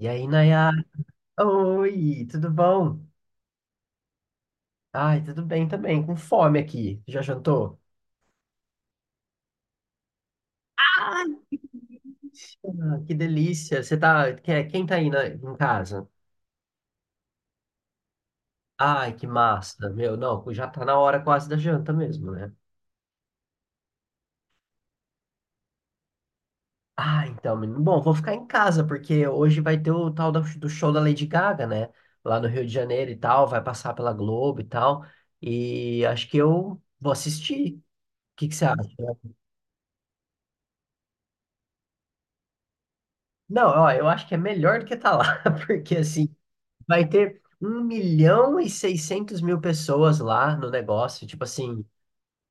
E aí, Nayara? Oi, tudo bom? Ai, tudo bem também, com fome aqui. Já jantou? Ah, que delícia. Você tá. Quem tá aí em casa? Ai, que massa. Meu, não, já tá na hora quase da janta mesmo, né? Ah, então, menino. Bom, vou ficar em casa, porque hoje vai ter o tal do show da Lady Gaga, né? Lá no Rio de Janeiro e tal, vai passar pela Globo e tal. E acho que eu vou assistir. O que que você acha? Não, ó, eu acho que é melhor do que tá lá, porque assim. Vai ter 1.600.000 pessoas lá no negócio. Tipo assim,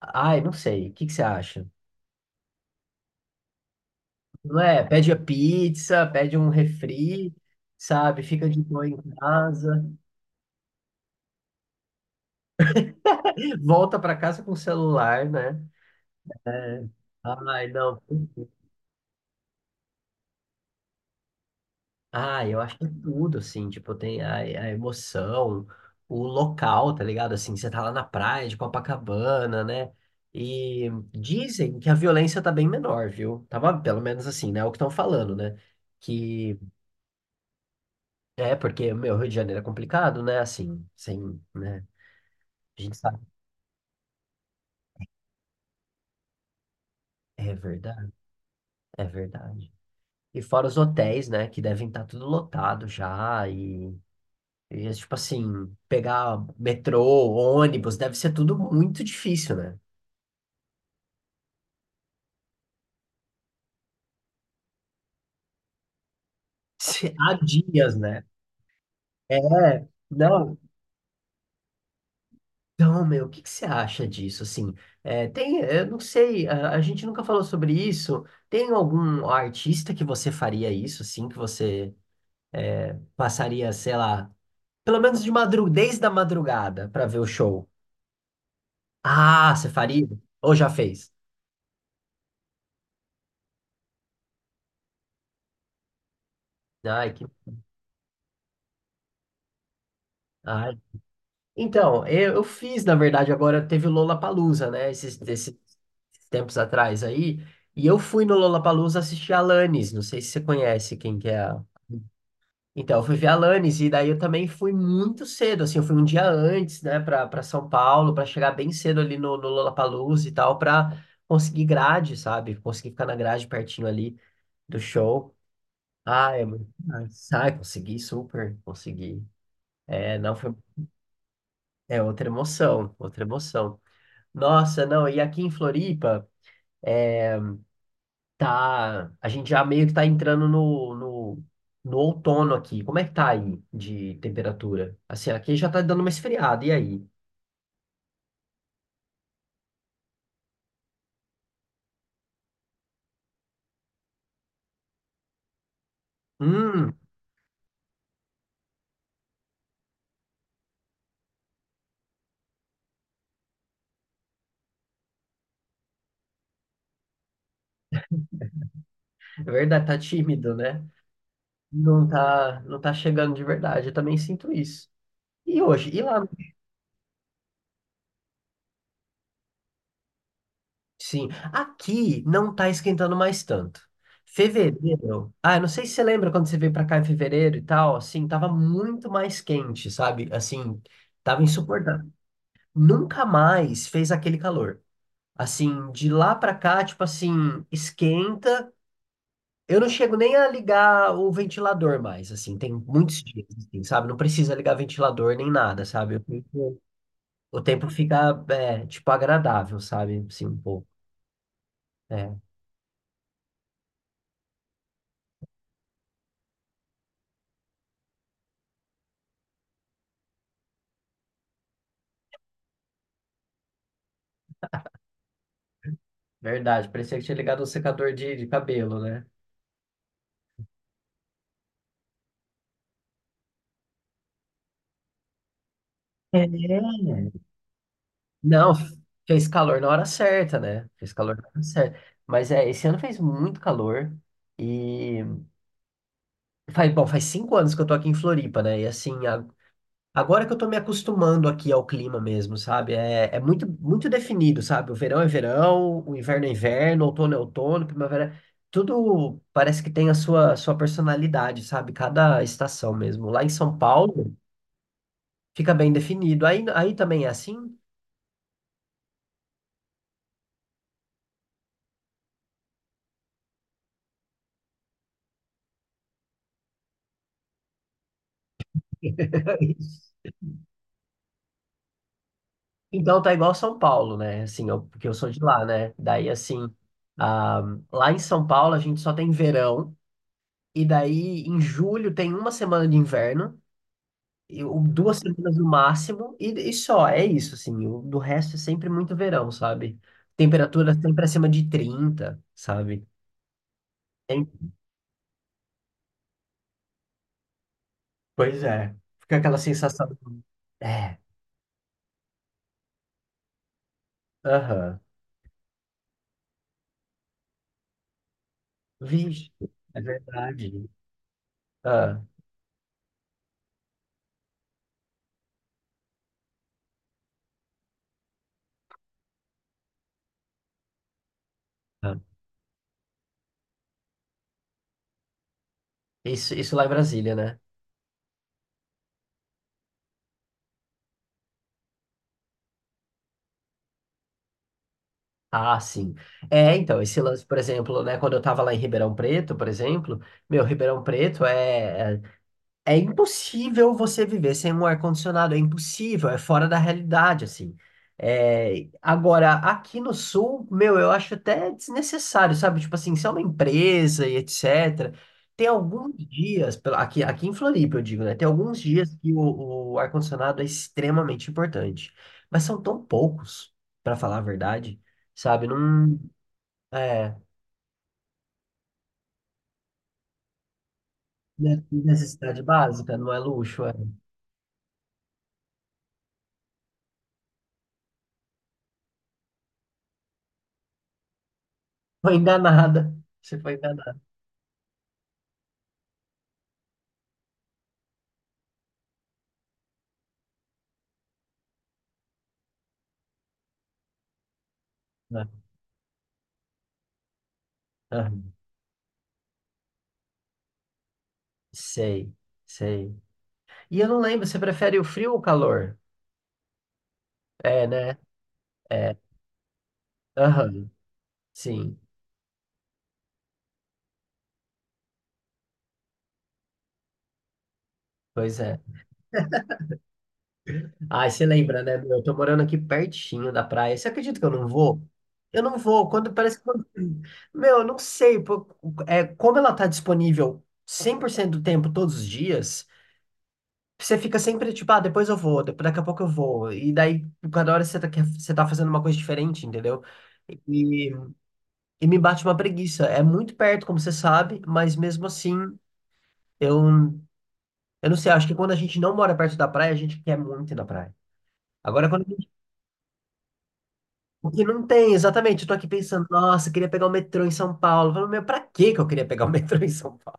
ai, não sei, o que que você acha? Não é? Pede a pizza, pede um refri, sabe? Fica de boa em casa, volta pra casa com o celular, né? É. Ai, não. Ah, eu acho que tudo, assim, tipo, tem a emoção, o local, tá ligado? Assim, você tá lá na praia de Copacabana, né? E dizem que a violência tá bem menor, viu? Tava, pelo menos assim, né? É o que estão falando, né? Que é porque, meu, Rio de Janeiro é complicado, né? Assim, sem, né? A gente sabe. É verdade, é verdade. E fora os hotéis, né? Que devem estar tudo lotado já. E... E, tipo assim, pegar metrô, ônibus, deve ser tudo muito difícil, né? Há dias, né? É, não. Então, meu, o que que você acha disso? Assim, é, tem, eu não sei, a gente nunca falou sobre isso. Tem algum artista que você faria isso, assim, que você passaria, sei lá, pelo menos de madru desde a madrugada para ver o show? Ah, você faria? Ou já fez? Ai, que, ai. Então, eu fiz, na verdade, agora teve o Lollapalooza, né? Esses tempos atrás aí. E eu fui no Lollapalooza assistir a Alanis. Não sei se você conhece quem que é a... Então, eu fui ver a Alanis e daí eu também fui muito cedo, assim, eu fui um dia antes, né, para São Paulo, para chegar bem cedo ali no Lollapalooza e tal, para conseguir grade, sabe? Conseguir ficar na grade pertinho ali do show. Ah, é muito nice. Ah, consegui, super, consegui. É, não foi, é outra emoção, outra emoção. Nossa, não, e aqui em Floripa, é, tá, a gente já meio que tá entrando no outono aqui. Como é que tá aí de temperatura? Assim, aqui já tá dando uma esfriada, e aí? Hum, É verdade, tá tímido, né? Não tá, não tá chegando de verdade, eu também sinto isso. E hoje, e lá? Sim, aqui não tá esquentando mais tanto. Fevereiro, ah, eu não sei se você lembra quando você veio pra cá em fevereiro e tal, assim, tava muito mais quente, sabe? Assim, tava insuportável. Nunca mais fez aquele calor. Assim, de lá pra cá, tipo assim, esquenta. Eu não chego nem a ligar o ventilador mais, assim, tem muitos dias, assim, sabe? Não precisa ligar ventilador nem nada, sabe? O tempo fica, é, tipo, agradável, sabe? Assim, um pouco. É, verdade. Parecia que tinha ligado um secador de cabelo, né? É. Não, fez calor na hora certa, né? Fez calor na hora certa. Mas é, esse ano fez muito calor. e Bom, faz 5 anos que eu tô aqui em Floripa, né? E assim, agora que eu tô me acostumando aqui ao clima mesmo, sabe? É, é muito, muito definido, sabe? O verão é verão, o inverno é inverno, outono é outono, primavera. Tudo parece que tem a sua personalidade, sabe? Cada estação mesmo. Lá em São Paulo, fica bem definido. Aí também é assim? Então tá igual São Paulo, né? Assim, porque eu sou de lá, né? Daí, assim, ah, lá em São Paulo a gente só tem verão. E daí, em julho, tem uma semana de inverno, e, ou 2 semanas no máximo, e só, é isso, assim. Do resto é sempre muito verão, sabe? Temperatura sempre acima de 30, sabe? Tem- Pois é. Fica aquela sensação. É, aham. Vixe, é verdade. Ah, ah. Isso lá em Brasília, né? Ah, sim. É, então, esse lance, por exemplo, né, quando eu tava lá em Ribeirão Preto, por exemplo, meu, Ribeirão Preto é impossível você viver sem um ar-condicionado, é impossível, é fora da realidade, assim. É, agora, aqui no Sul, meu, eu acho até desnecessário, sabe? Tipo assim, se é uma empresa e etc., tem alguns dias, aqui, em Floripa, eu digo, né? Tem alguns dias que o ar-condicionado é extremamente importante, mas são tão poucos, para falar a verdade, sabe? Não é né, necessidade básica, não é luxo, é. Foi enganada, você foi enganada, né? Sei, sei. E eu não lembro, você prefere o frio ou o calor? É, né? É. Aham, sim. Pois é. Ai, você lembra, né, meu? Eu tô morando aqui pertinho da praia. Você acredita que eu não vou? Eu não vou. Quando parece que. Quando- Meu, eu não sei, pô. É, como ela tá disponível 100% do tempo, todos os dias, você fica sempre tipo, ah, depois eu vou, daqui a pouco eu vou. E daí, cada hora você tá, você tá fazendo uma coisa diferente, entendeu? E me bate uma preguiça. É muito perto, como você sabe, mas mesmo assim, eu, eu não sei. Acho que quando a gente não mora perto da praia, a gente quer muito ir na praia. Agora, quando a gente. O que não tem, exatamente. Eu tô aqui pensando, nossa, eu queria pegar o metrô em São Paulo. Eu falo, meu, pra que que eu queria pegar o metrô em São Paulo?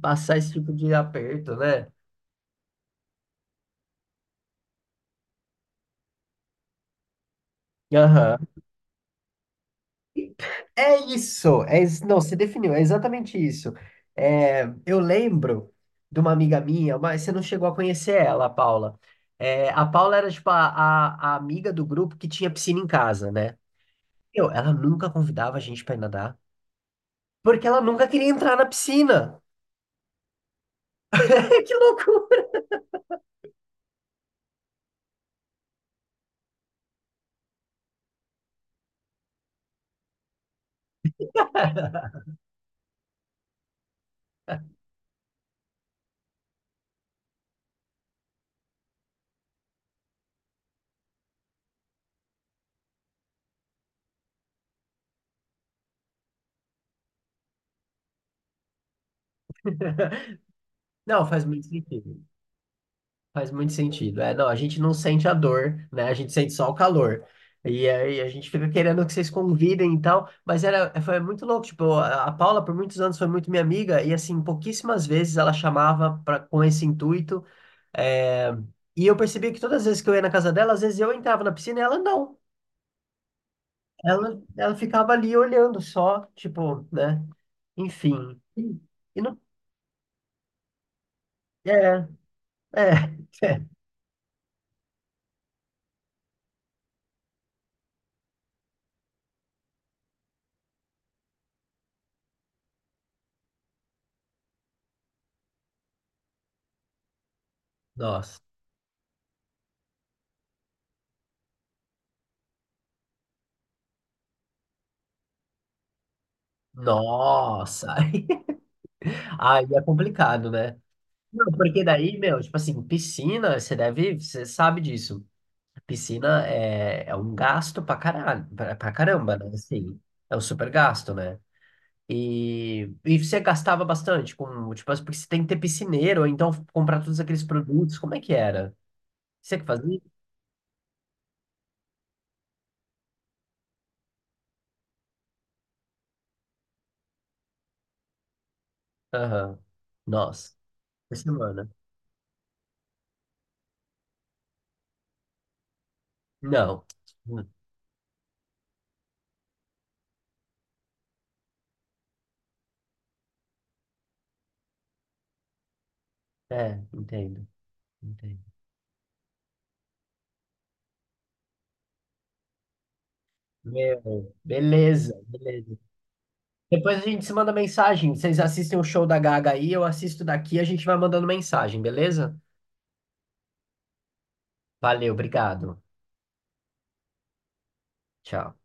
Passar esse tipo de aperto, né? Aham. É isso, não, você definiu, é exatamente isso. É, eu lembro de uma amiga minha, mas você não chegou a conhecer ela, a Paula. É, a Paula era tipo a amiga do grupo que tinha piscina em casa, né? Ela nunca convidava a gente pra ir nadar, porque ela nunca queria entrar na piscina. Que loucura! Não, faz muito sentido. Faz muito sentido. É, não, a gente não sente a dor, né? A gente sente só o calor. E aí a gente fica querendo que vocês convidem e tal, mas era, foi muito louco. Tipo, a Paula por muitos anos foi muito minha amiga e assim, pouquíssimas vezes ela chamava pra, com esse intuito. É, e eu percebi que todas as vezes que eu ia na casa dela, às vezes eu entrava na piscina e ela não. Ela ficava ali olhando só, tipo, né? Enfim. E não, é, é. É. Nossa. Nossa. Aí é complicado, né? Não, porque daí, meu, tipo assim, piscina, você sabe disso. Piscina é um gasto pra caralho, pra caramba, né? Assim, é um super gasto, né? E você gastava bastante com, tipo, porque você tem que ter piscineiro, ou então comprar todos aqueles produtos, como é que era? Você que fazia? Aham. Nossa, por semana. Não. Hum, É, entendo, entendo. Meu, beleza, beleza. Depois a gente se manda mensagem. Vocês assistem o show da Gaga aí, eu assisto daqui, a gente vai mandando mensagem, beleza? Valeu, obrigado. Tchau.